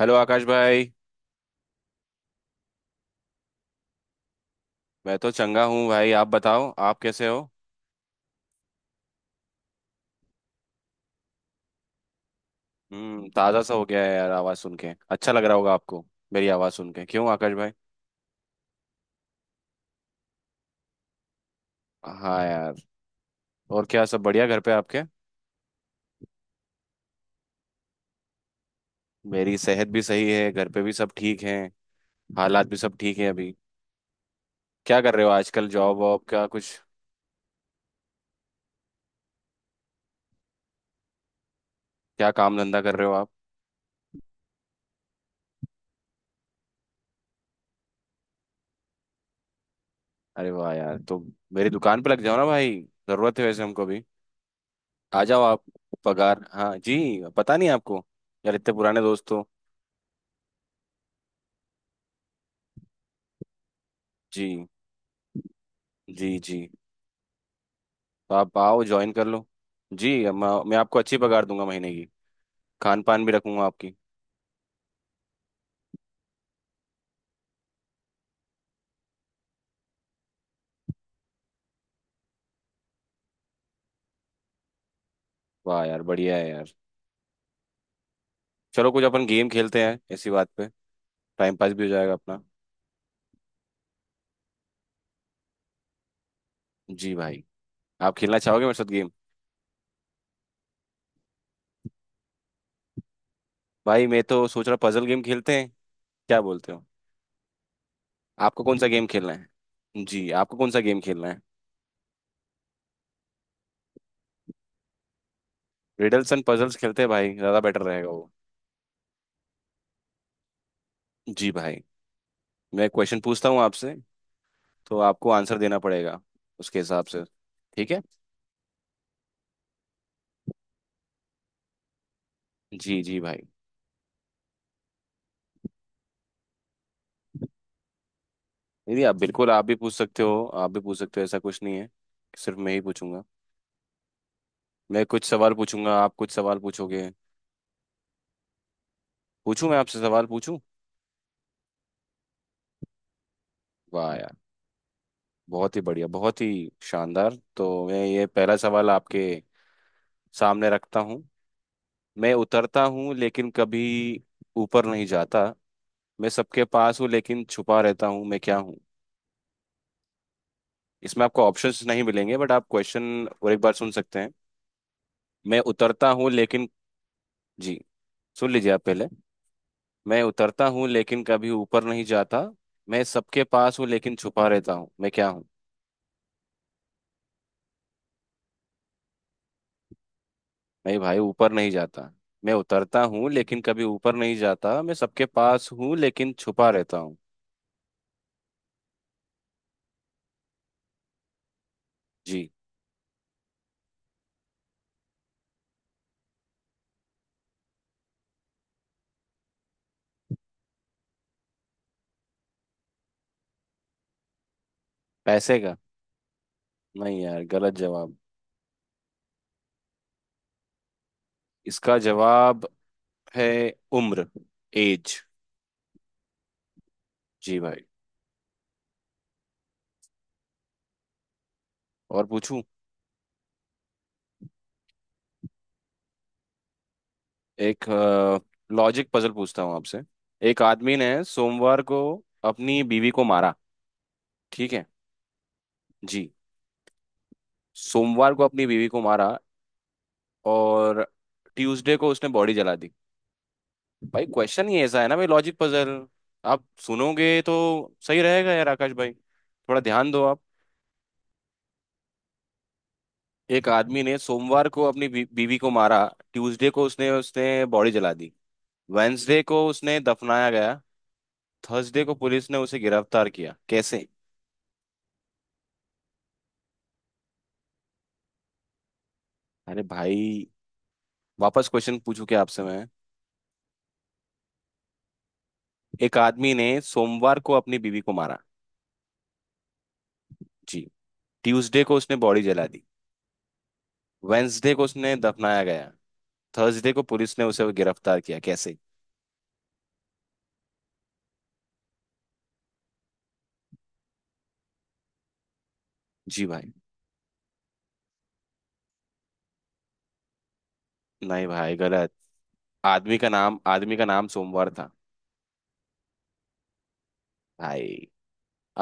Hello Akash भाई। मैं तो चंगा हूँ भाई, आप बताओ आप कैसे हो। ताज़ा सा हो गया है यार, आवाज़ सुन के अच्छा लग रहा होगा आपको। मेरी आवाज़ सुन के क्यों आकाश भाई? हाँ यार। और क्या सब बढ़िया घर पे आपके? मेरी सेहत भी सही है, घर पे भी सब ठीक है। हालात भी सब ठीक है अभी। क्या कर रहे हो आजकल, जॉब वॉब का कुछ? क्या काम धंधा कर रहे हो आप? अरे वाह यार, तो मेरी दुकान पे लग जाओ ना भाई। ज़रूरत है वैसे हमको भी। आ जाओ आप। पगार हाँ जी। पता नहीं आपको, यार इतने पुराने दोस्त हो। जी जी जी, तो आप आओ ज्वाइन कर लो। जी, अब मैं आपको अच्छी पगार दूंगा महीने की। खान पान भी रखूंगा आपकी। वाह यार, बढ़िया है यार। चलो कुछ अपन गेम खेलते हैं इसी बात पे। टाइम पास भी हो जाएगा अपना। जी भाई। आप खेलना चाहोगे मेरे साथ गेम? भाई मैं तो सोच रहा पजल गेम खेलते हैं, क्या बोलते हो? आपको कौन सा गेम खेलना है जी, आपको कौन सा गेम खेलना है? रिडल्स एंड पजल्स खेलते हैं भाई, ज़्यादा बेटर रहेगा वो। जी भाई। मैं क्वेश्चन पूछता हूँ आपसे, तो आपको आंसर देना पड़ेगा उसके हिसाब से, ठीक है? जी जी भाई। नहीं नहीं, आप बिल्कुल आप भी पूछ सकते हो ऐसा कुछ नहीं है कि सिर्फ मैं ही पूछूंगा। मैं कुछ सवाल पूछूंगा, आप कुछ सवाल पूछोगे। पूछूं, मैं आपसे सवाल पूछूं। वाह यार, बहुत ही बढ़िया, बहुत ही शानदार। तो मैं ये पहला सवाल आपके सामने रखता हूँ। मैं उतरता हूँ लेकिन कभी ऊपर नहीं जाता, मैं सबके पास हूँ लेकिन छुपा रहता हूँ, मैं क्या हूँ? इसमें आपको ऑप्शंस नहीं मिलेंगे बट आप क्वेश्चन और एक बार सुन सकते हैं। मैं उतरता हूँ लेकिन। जी, सुन लीजिए आप पहले। मैं उतरता हूँ लेकिन कभी ऊपर नहीं जाता, मैं सबके पास हूँ लेकिन छुपा रहता हूँ, मैं क्या हूँ? नहीं भाई, ऊपर नहीं जाता। मैं उतरता हूँ लेकिन कभी ऊपर नहीं जाता, मैं सबके पास हूँ लेकिन छुपा रहता हूँ। जी। पैसे का? नहीं यार, गलत जवाब। इसका जवाब है उम्र, एज। जी भाई। और पूछूं? एक लॉजिक पजल पूछता हूँ आपसे। एक आदमी ने सोमवार को अपनी बीवी को मारा, ठीक है जी? सोमवार को अपनी बीवी को मारा, और ट्यूसडे को उसने बॉडी जला दी। भाई क्वेश्चन ही ऐसा है ना भाई, लॉजिक पजल। आप सुनोगे तो सही रहेगा यार, आकाश भाई थोड़ा ध्यान दो आप। एक आदमी ने सोमवार को अपनी बीवी को मारा, ट्यूसडे को उसने उसने बॉडी जला दी, वेंसडे को उसने दफनाया गया, थर्सडे को पुलिस ने उसे गिरफ्तार किया, कैसे? अरे भाई, वापस क्वेश्चन पूछू क्या आपसे मैं? एक आदमी ने सोमवार को अपनी बीवी को मारा। जी। ट्यूसडे को उसने बॉडी जला दी, वेंसडे को उसने दफनाया गया, थर्सडे को पुलिस ने उसे गिरफ्तार किया, कैसे? जी भाई। नहीं भाई, गलत। आदमी का नाम सोमवार था। भाई,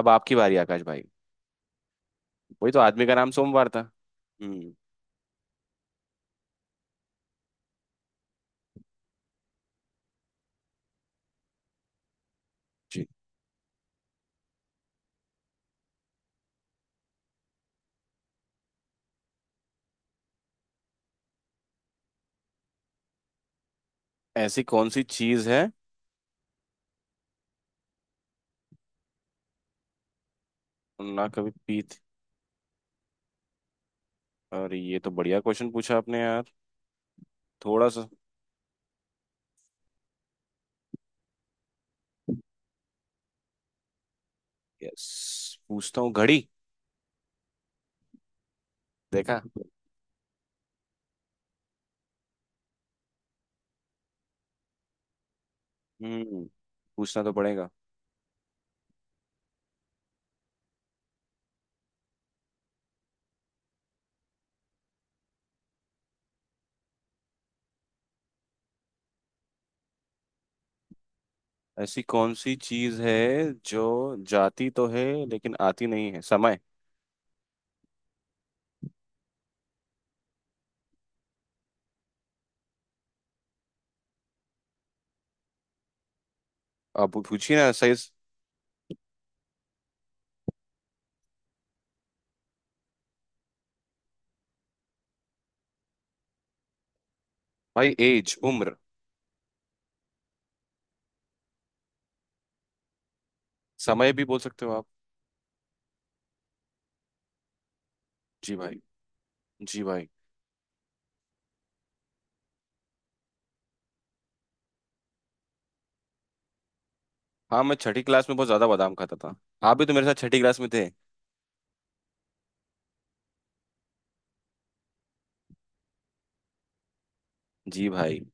अब आपकी बारी आकाश भाई। वही तो, आदमी का नाम सोमवार था। हम्म जी। ऐसी कौन सी चीज है, ना कभी पीत। अरे ये तो बढ़िया क्वेश्चन पूछा आपने यार, थोड़ा सा। यस, पूछता हूँ घड़ी। देखा। हम्म पूछना तो पड़ेगा। ऐसी कौन सी चीज है जो जाती तो है लेकिन आती नहीं है, समय? अब पूछिए ना सही। भाई एज, उम्र। समय भी बोल सकते हो आप। जी भाई। जी भाई। हाँ, मैं छठी क्लास में बहुत ज्यादा बादाम खाता था। आप भी तो मेरे साथ छठी क्लास में थे। जी भाई।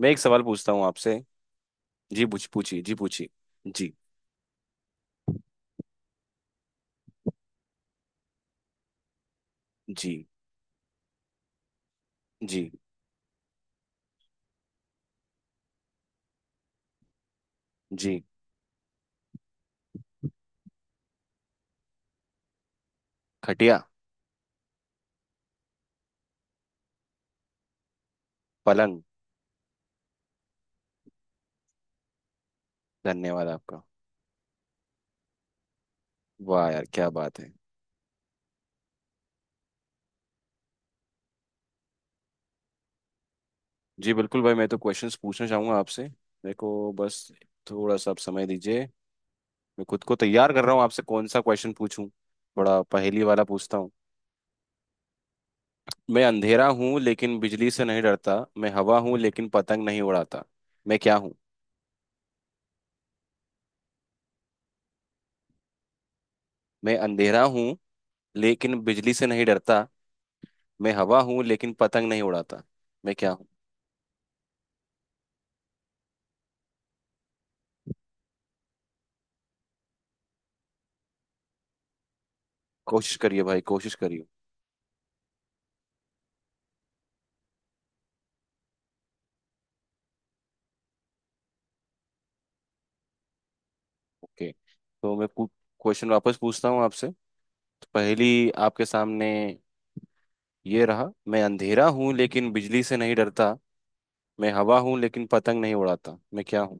मैं एक सवाल पूछता हूँ आपसे। जी, पूछिए जी, पूछिए। जी जी जी जी। खटिया। पलंग। धन्यवाद आपका। वाह यार क्या बात है। जी बिल्कुल भाई, मैं तो क्वेश्चंस पूछना चाहूंगा आपसे। मेरे को बस थोड़ा सा आप समय दीजिए। मैं खुद को तैयार कर रहा हूँ आपसे कौन सा क्वेश्चन पूछूं, थोड़ा पहेली वाला पूछता हूँ। मैं अंधेरा हूँ लेकिन बिजली से नहीं डरता, मैं हवा हूँ लेकिन पतंग नहीं उड़ाता, मैं क्या हूँ? मैं अंधेरा हूँ लेकिन बिजली से नहीं डरता, मैं हवा हूँ लेकिन पतंग नहीं उड़ाता, मैं क्या हूँ? कोशिश करिए भाई, कोशिश करिए। ओके, तो मैं क्वेश्चन वापस पूछता हूँ आपसे, तो पहली आपके सामने ये रहा। मैं अंधेरा हूँ लेकिन बिजली से नहीं डरता, मैं हवा हूँ लेकिन पतंग नहीं उड़ाता, मैं क्या हूँ?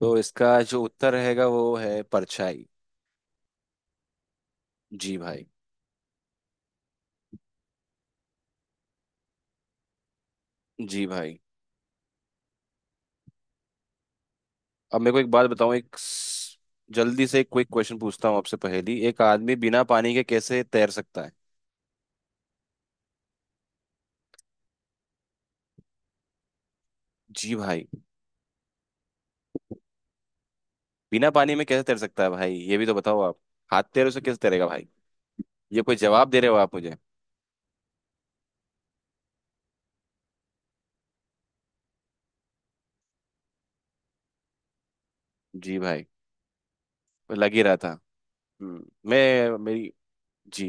तो इसका जो उत्तर रहेगा वो है परछाई। जी भाई। जी भाई। अब मेरे को एक बात बताओ, जल्दी से एक क्विक क्वेश्चन पूछता हूँ आपसे पहेली। एक आदमी बिना पानी के कैसे तैर सकता है? जी भाई। बिना पानी में कैसे तैर सकता है भाई, ये भी तो बताओ आप। हाथ तैरों से कैसे तैरेगा भाई? ये कोई जवाब दे रहे हो आप मुझे? जी भाई। लग ही रहा था। मैं, मेरी। जी,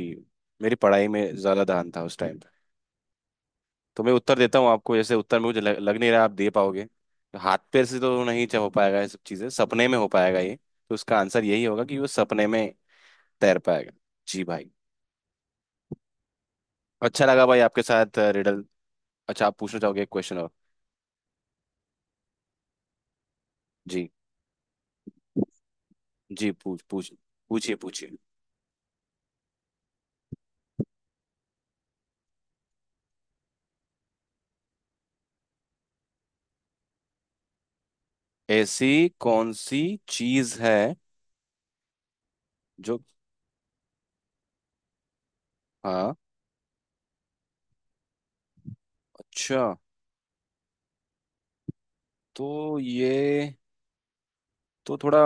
मेरी पढ़ाई में ज्यादा ध्यान था उस टाइम पे। तो मैं उत्तर देता हूँ आपको, जैसे उत्तर में मुझे लग नहीं रहा आप दे पाओगे, तो हाथ पैर से तो नहीं हो पाएगा, ये सब चीजें सपने में हो पाएगा ये। तो उसका आंसर यही होगा कि वो सपने में तैर पाएगा। जी भाई। अच्छा लगा भाई आपके साथ रिडल। अच्छा, आप पूछना चाहोगे एक क्वेश्चन और? जी जी, पूछ पूछ पूछिए, पूछिए। ऐसी कौन सी चीज है जो। हाँ। अच्छा, तो ये तो थोड़ा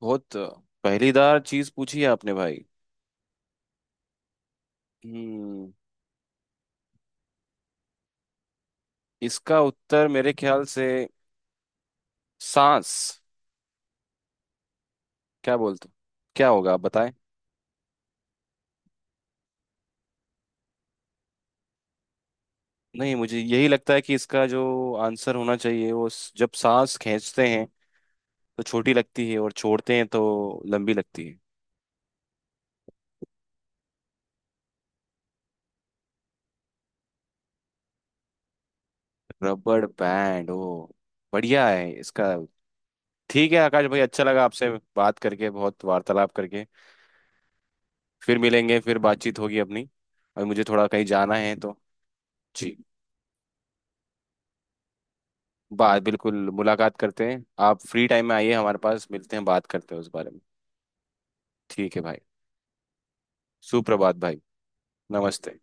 बहुत पहेलीदार चीज पूछी है आपने भाई। हम्म इसका उत्तर मेरे ख्याल से सांस। क्या बोलते हो? क्या होगा, आप बताएं? नहीं, मुझे यही लगता है कि इसका जो आंसर होना चाहिए, वो जब सांस खींचते हैं तो छोटी लगती है और छोड़ते हैं तो लंबी लगती है। रबड़ बैंड ओ, बढ़िया है इसका। ठीक है आकाश भाई, अच्छा लगा आपसे बात करके, बहुत वार्तालाप करके। फिर मिलेंगे, फिर बातचीत होगी अपनी। और मुझे थोड़ा कहीं जाना है तो जी, बात बिल्कुल, मुलाकात करते हैं। आप फ्री टाइम में आइए हमारे पास, मिलते हैं, बात करते हैं उस बारे में। ठीक है भाई। सुप्रभात भाई। नमस्ते।